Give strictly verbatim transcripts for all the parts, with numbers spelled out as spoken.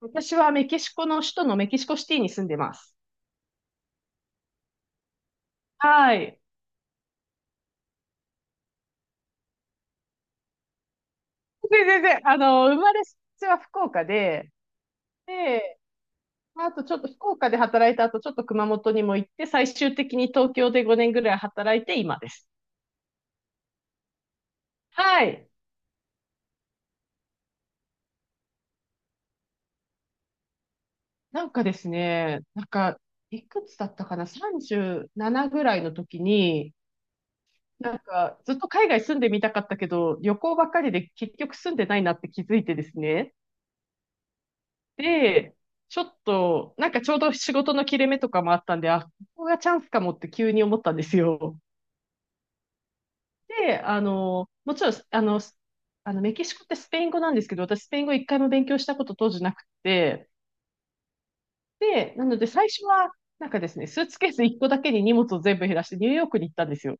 私はメキシコの首都のメキシコシティに住んでます。はい。で、全然、あの、生まれ育ちは福岡で、で、あとちょっと福岡で働いた後、ちょっと熊本にも行って、最終的に東京でごねんぐらい働いて今です。はい。なんかですね、なんか、いくつだったかな？ さんじゅうなな ぐらいの時に、なんか、ずっと海外住んでみたかったけど、旅行ばっかりで結局住んでないなって気づいてですね。で、ちょっと、なんかちょうど仕事の切れ目とかもあったんで、あ、ここがチャンスかもって急に思ったんですよ。で、あの、もちろん、あの、スあのメキシコってスペイン語なんですけど、私スペイン語一回も勉強したこと当時なくて、で、なので最初は、なんかですね、スーツケースいっこだけに荷物を全部減らしてニューヨークに行ったんですよ。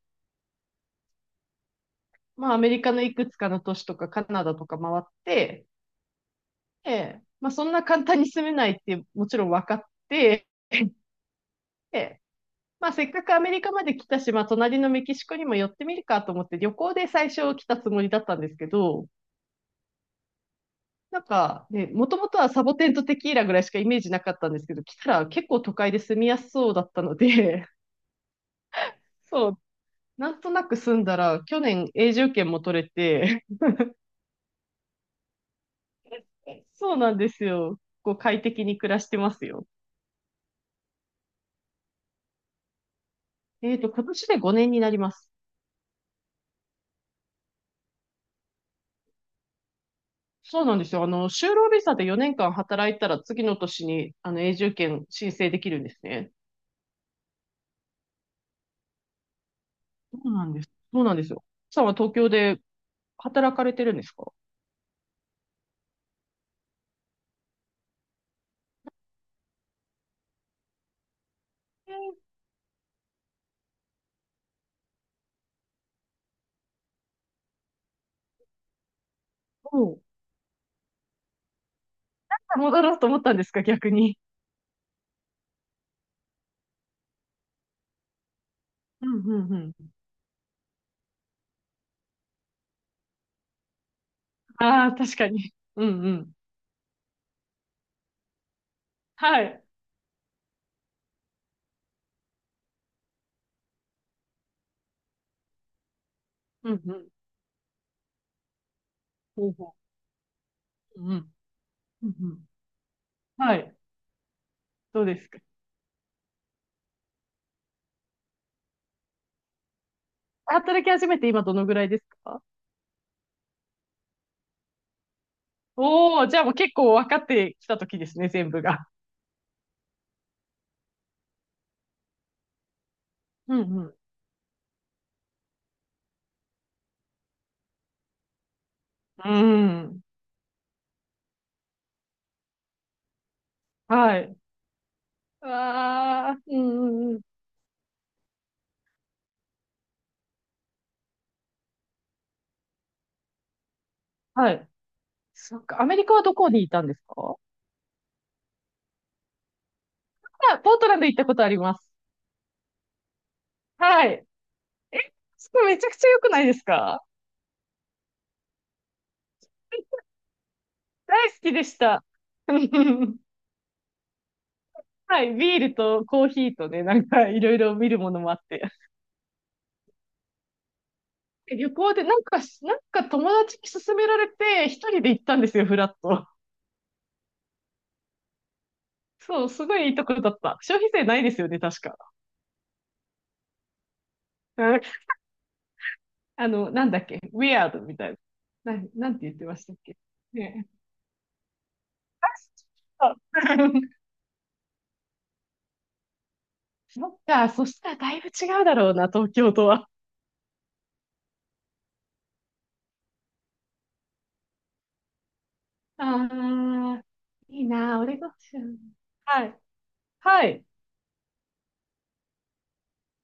まあ、アメリカのいくつかの都市とかカナダとか回って、で、まあ、そんな簡単に住めないってもちろん分かって、でまあ、せっかくアメリカまで来たし、まあ、隣のメキシコにも寄ってみるかと思って、旅行で最初来たつもりだったんですけど、なんかね、もともとはサボテンとテキーラぐらいしかイメージなかったんですけど、来たら結構都会で住みやすそうだったので、そう、なんとなく住んだら、去年永住権も取れて、そうなんですよ。こう快適に暮らしてますよ。えっと、今年でごねんになります。そうなんですよ。あの、就労ビザでよねんかん働いたら次の年に、あの、永住権申請できるんですね。そうなんです。そうなんですよ。さんは東京で働かれてるんですか？えー、おう、戻ろうと思ったんですか、逆に。うんうんうん。ああ、確かに。うんうん。はい。うんうん。ほうほう。うんうん。うんうん。はい。どうですか。働き始めて今どのぐらいですか？おおー、じゃあもう結構分かってきた時ですね、全部が。うんうん。うん。はい。ああ、うんうんうん。はい。そっか。アメリカはどこにいたんですか？あ、ポートランド行ったことあります。はい。それめちゃくちゃ良くないですか？大好きでした。はい、ビールとコーヒーとね、なんかいろいろ見るものもあって。旅行でなんかし、なんか友達に勧められて、一人で行ったんですよ、フラッと。そう、すごいいいところだった。消費税ないですよね、確か。うん、あの、なんだっけ、ウィアードみたいな。なん、なんて言ってましたっけ。ねえ。あそう。 そっか、そしたらだいぶ違うだろうな、東京とは。ああ、いいな、オレゴン州。はい。はい。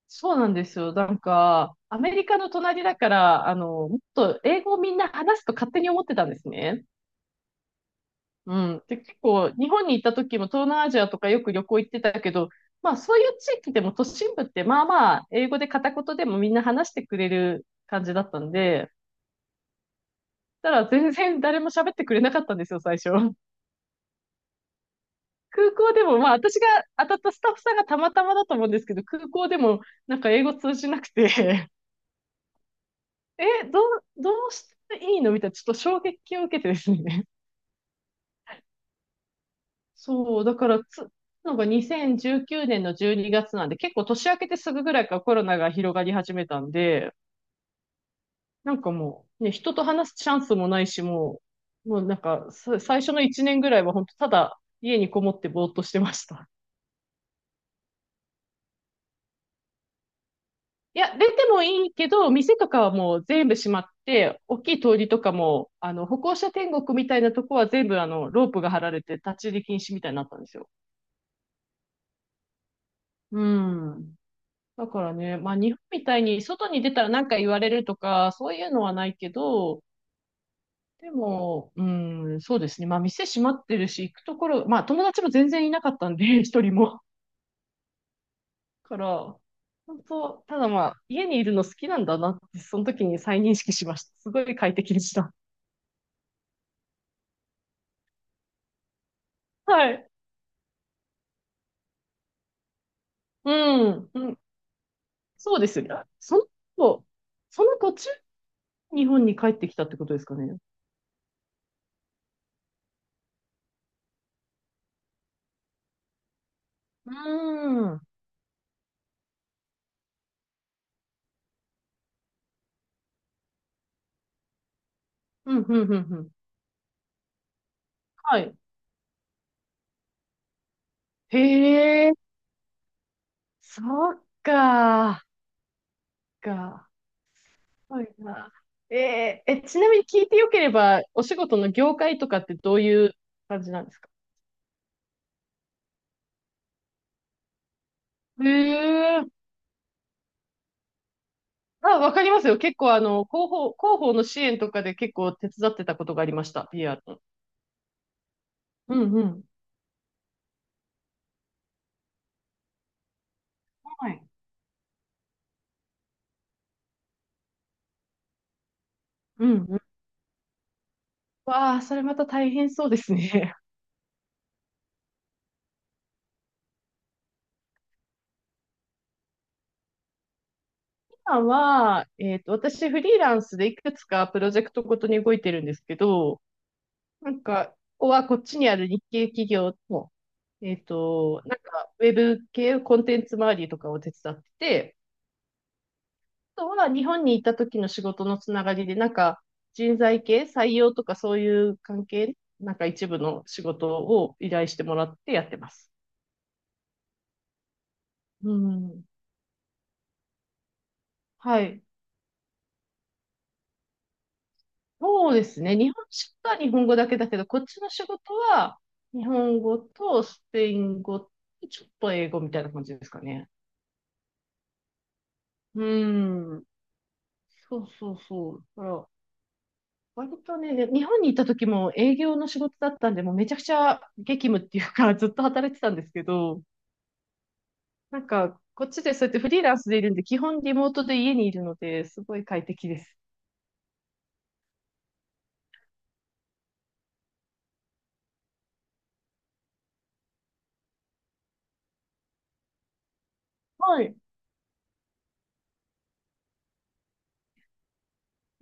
そうなんですよ。なんか、アメリカの隣だから、あの、もっと英語をみんな話すと勝手に思ってたんですね。うん。で、結構、日本に行った時も東南アジアとかよく旅行行ってたけど、まあ、そういう地域でも都心部ってまあまあ、英語で片言でもみんな話してくれる感じだったんで、ただ全然誰も喋ってくれなかったんですよ、最初。空港でも、まあ私が当たったスタッフさんがたまたまだと思うんですけど、空港でもなんか英語通じなくて、え、どう、どうしていいのみたいな、ちょっと衝撃を受けてですね。そう、だからつ、なんかにせんじゅうきゅうねんのじゅうにがつなんで、結構年明けてすぐぐらいからコロナが広がり始めたんで、なんかもう、ね、人と話すチャンスもないし、もう、もうなんか、さ最初のいちねんぐらいは本当ただ家にこもってぼーっとしてました。いや、出てもいいけど、店とかはもう全部閉まって、大きい通りとかも、あの、歩行者天国みたいなとこは全部、あの、ロープが張られて立ち入り禁止みたいになったんですよ。うん。だからね、まあ、日本みたいに外に出たら何か言われるとか、そういうのはないけど、でも、うん、そうですね。まあ、店閉まってるし、行くところ、まあ、友達も全然いなかったんで、一人も。から、本当、ただまあ、家にいるの好きなんだなって、その時に再認識しました。すごい快適でした。はい。うん、うん、そうですよね。あその子、その途中、日本に帰ってきたってことですかね。うーん、うん、うん、うん、うん。はい。へえ、そっか、か。はいな。えーえ、ちなみに聞いてよければ、お仕事の業界とかってどういう感じなんですか？へえ、あ、わかりますよ。結構、あの、広報、広報の支援とかで結構手伝ってたことがありました、ピーアール の。うん、うん。はい。うん。わあ、それまた大変そうですね。今は、えっと、私フリーランスでいくつかプロジェクトごとに動いてるんですけど、なんか、ここはこっちにある日系企業の、えっと、なんか、ウェブ系コンテンツ周りとかを手伝ってて、あとは日本にいた時の仕事のつながりで、なんか、人材系、採用とかそういう関係、なんか一部の仕事を依頼してもらってやってます。うん。はい。そうですね。日本食は日本語だけだけど、こっちの仕事は日本語とスペイン語とちょっと英語みたいな感じですかね。うん。そうそうそう。だから割とね、で日本にいた時も営業の仕事だったんで、もうめちゃくちゃ激務っていうか、ずっと働いてたんですけど、なんか、こっちでそうやってフリーランスでいるんで、基本リモートで家にいるので、すごい快適です。はい。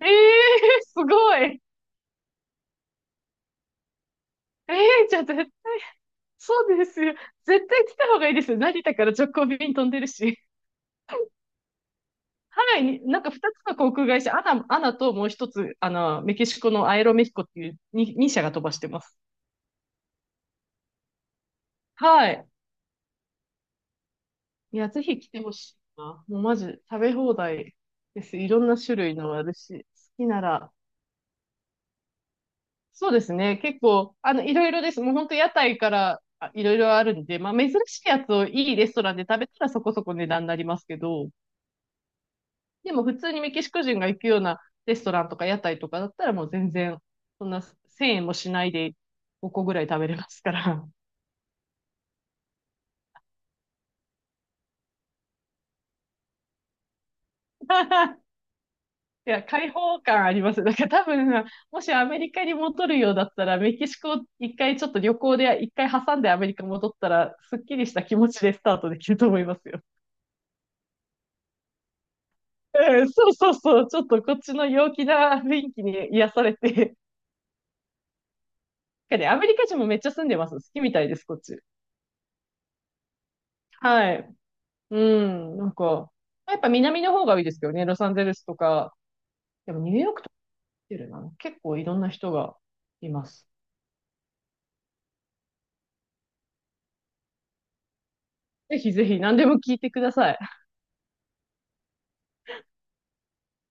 ええー、すごい。ええー、じゃあ絶そうですよ。絶対来た方がいいですよ。成田から直行便飛んでるし。ハワイに、なんかふたつの航空会社、アナ、アナともう一つ、あの、メキシコのアエロメヒコっていうにに社が飛ばしてます。はい。いや、ぜひ来てほしいな。もうマジ、食べ放題です。いろんな種類のあるし、好きなら。そうですね。結構、あの、いろいろです。もう本当屋台からあいろいろあるんで、まあ珍しいやつをいいレストランで食べたらそこそこ値段になりますけど、でも普通にメキシコ人が行くようなレストランとか屋台とかだったらもう全然、そんなせんえんもしないでごこぐらい食べれますから。いや、開放感あります。だから多分、もしアメリカに戻るようだったら、メキシコ一回ちょっと旅行で一回挟んでアメリカ戻ったら、すっきりした気持ちでスタートできると思いますよ。うん、そうそうそう。ちょっとこっちの陽気な雰囲気に癒されて。でアメリカ人もめっちゃ住んでます。好きみたいです、こっち。はい。うん、なんか、やっぱ南の方がいいですけどね、ロサンゼルスとか。でもニューヨークとかホテルなの結構いろんな人がいます。ぜひぜひ何でも聞いてください。